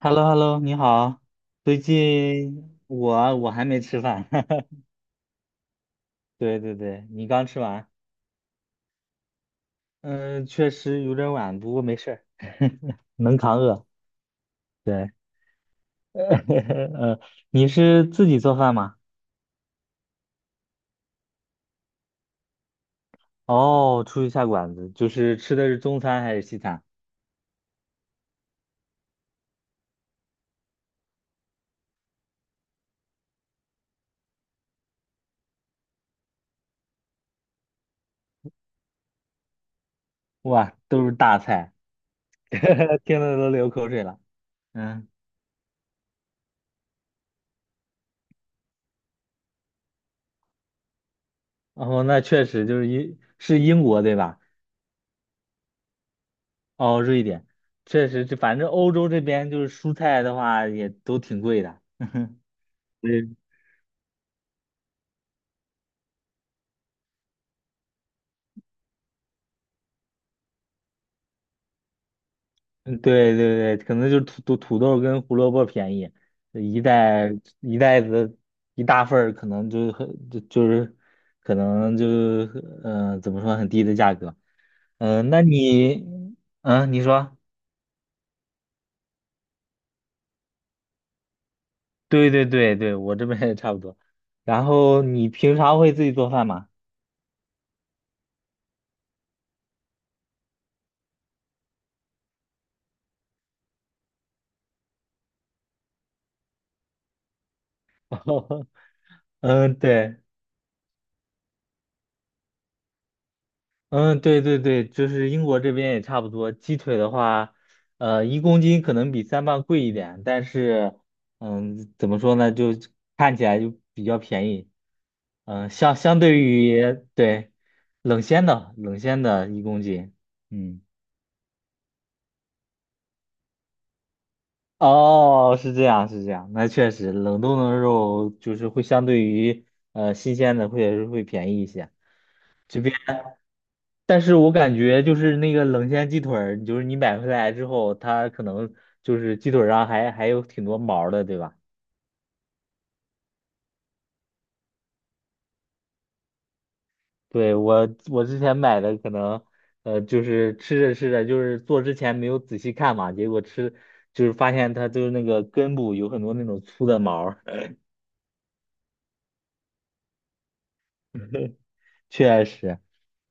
h e l l o h e l l o 你好。最近我还没吃饭，对对对，你刚吃完，嗯，确实有点晚，不过没事儿，能扛饿。对，呃，你是自己做饭吗？哦，出去下馆子，就是吃的是中餐还是西餐？哇，都是大菜，听得都流口水了。嗯，哦，那确实就是英国对吧？哦，瑞典，确实，这反正欧洲这边就是蔬菜的话也都挺贵的。嗯，嗯，对对对，可能就是土豆跟胡萝卜便宜，一袋一袋子一大份儿可能就很就是可能就怎么说很低的价格。嗯、那你嗯、你说对对对对，我这边也差不多。然后你平常会自己做饭吗？嗯，对。嗯，对对对，就是英国这边也差不多。鸡腿的话，一公斤可能比三磅贵一点，但是，嗯，怎么说呢，就看起来就比较便宜。嗯，相对于对冷鲜的一公斤，嗯，哦，是这样是这样，那确实冷冻的肉就是会相对于新鲜的会便宜一些。这边。但是我感觉就是那个冷鲜鸡腿儿，就是你买回来之后，它可能就是鸡腿儿上还有挺多毛儿的，对吧？对，我之前买的可能，就是吃着吃着，就是做之前没有仔细看嘛，结果就是发现它就是那个根部有很多那种粗的毛儿 确实，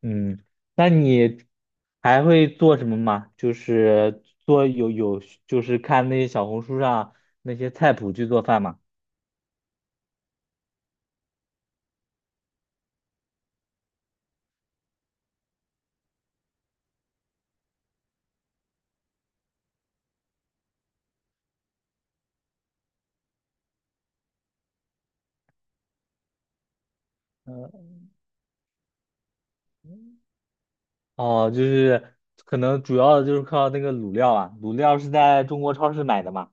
嗯，那你还会做什么吗？就是做有有就是看那些小红书上那些菜谱去做饭吗？呃哦，就是可能主要的就是靠那个卤料啊，卤料是在中国超市买的嘛。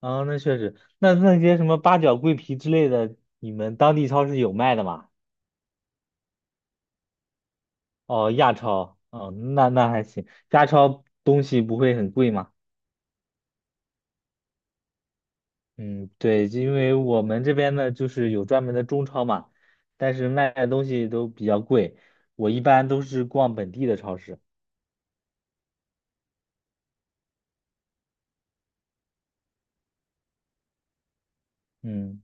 啊，那确实，那些什么八角、桂皮之类的，你们当地超市有卖的吗？哦，亚超，哦，那还行，亚超东西不会很贵吗？嗯，对，因为我们这边呢，就是有专门的中超嘛，但是卖的东西都比较贵，我一般都是逛本地的超市。嗯。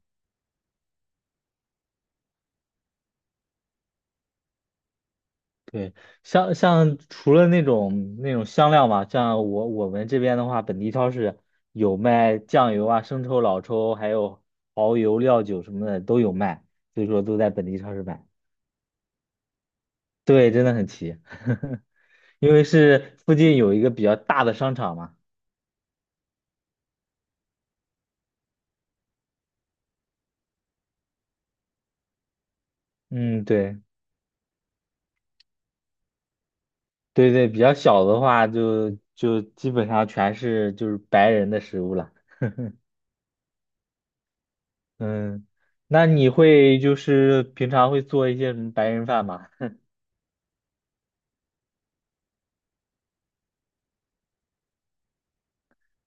对，像除了那种香料嘛，像我们这边的话，本地超市有卖酱油啊、生抽、老抽，还有蚝油、料酒什么的都有卖，所以说都在本地超市买。对，真的很齐，因为是附近有一个比较大的商场嘛。嗯，对对对，比较小的话就基本上全是就是白人的食物了。嗯，那你会就是平常会做一些什么白人饭吗？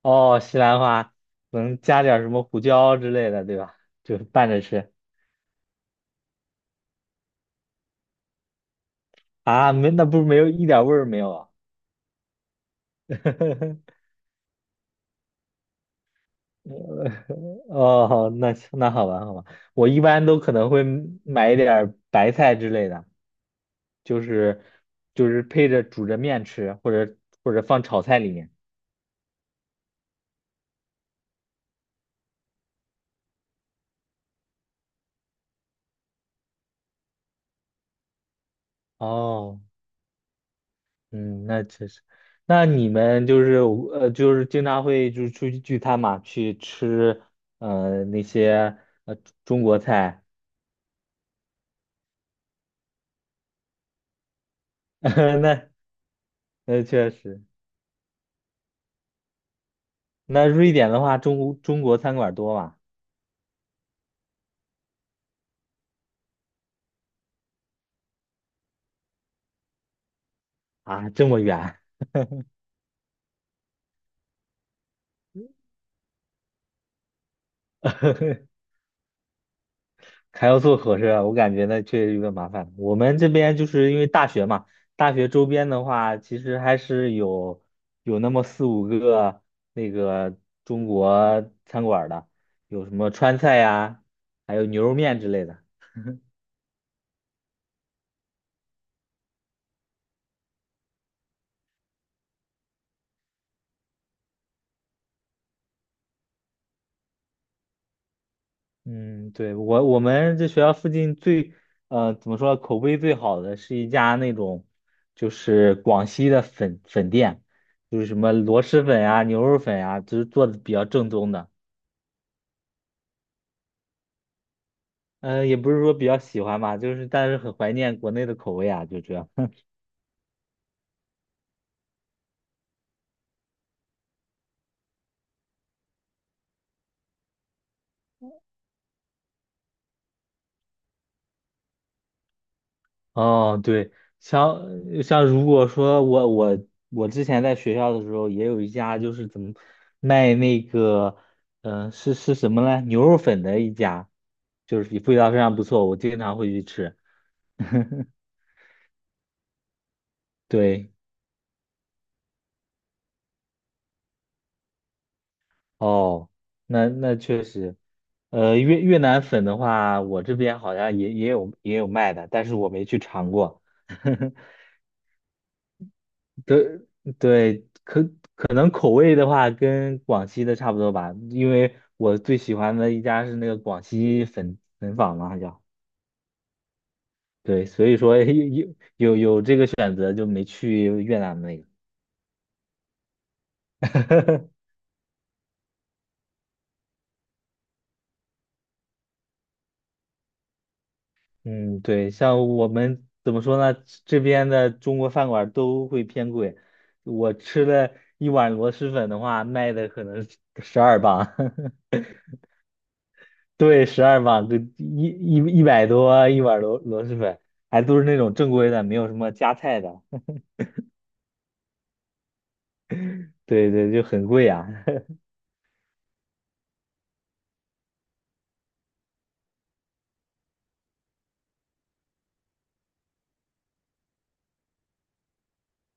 哦，西兰花能加点儿什么胡椒之类的，对吧？就是拌着吃啊，没，那不是没有一点味儿没有啊？哦，那行那好吧，好吧，我一般都可能会买一点儿白菜之类的，就是就是配着煮着面吃，或者放炒菜里面。哦，嗯，那确实，那你们就是就是经常会就是出去聚餐嘛，去吃那些呃中国菜。那那确实，那瑞典的话，中国餐馆多吗？啊，这么远，还要坐火车，我感觉那确实有点麻烦。我们这边就是因为大学嘛，大学周边的话，其实还是有那么四五个那个中国餐馆的，有什么川菜呀，还有牛肉面之类的。嗯，对，我们这学校附近最，怎么说，口碑最好的是一家那种，就是广西的粉店，就是什么螺蛳粉啊、牛肉粉啊，就是做的比较正宗的。也不是说比较喜欢吧，就是但是很怀念国内的口味啊，就这样。哦，对，像像如果说我之前在学校的时候，也有一家就是怎么卖那个，嗯、是什么呢？牛肉粉的一家，就是味道非常不错，我经常会去吃。对，哦，那确实，越南粉的话，我这边好像也有卖的，但是我没去尝过。对对，可能口味的话跟广西的差不多吧，因为我最喜欢的一家是那个广西粉粉坊嘛，好像对，所以说 有这个选择就没去越南那个。嗯，对，像我们怎么说呢，这边的中国饭馆都会偏贵，我吃了一碗螺蛳粉的话，卖的可能十二磅。对，十二磅，就100多一碗螺蛳粉，还都是那种正规的，没有什么加菜的。对对，就很贵啊。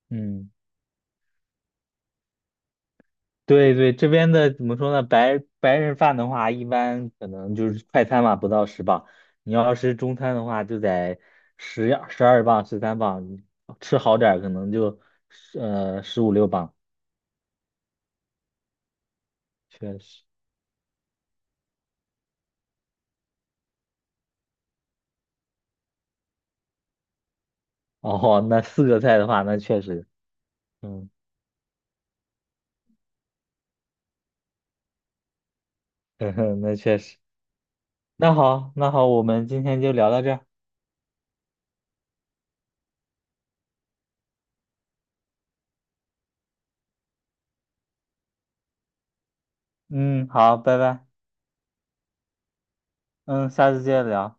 嗯，对对，这边的怎么说呢？白人饭的话，一般可能就是快餐嘛，不到10磅。你要是中餐的话，就得十二磅、13磅，吃好点儿可能就十五六磅。确实，哦，那四个菜的话，那确实，嗯，那确实。那好，那好，我们今天就聊到这儿。嗯，好，拜拜，嗯，下次接着聊。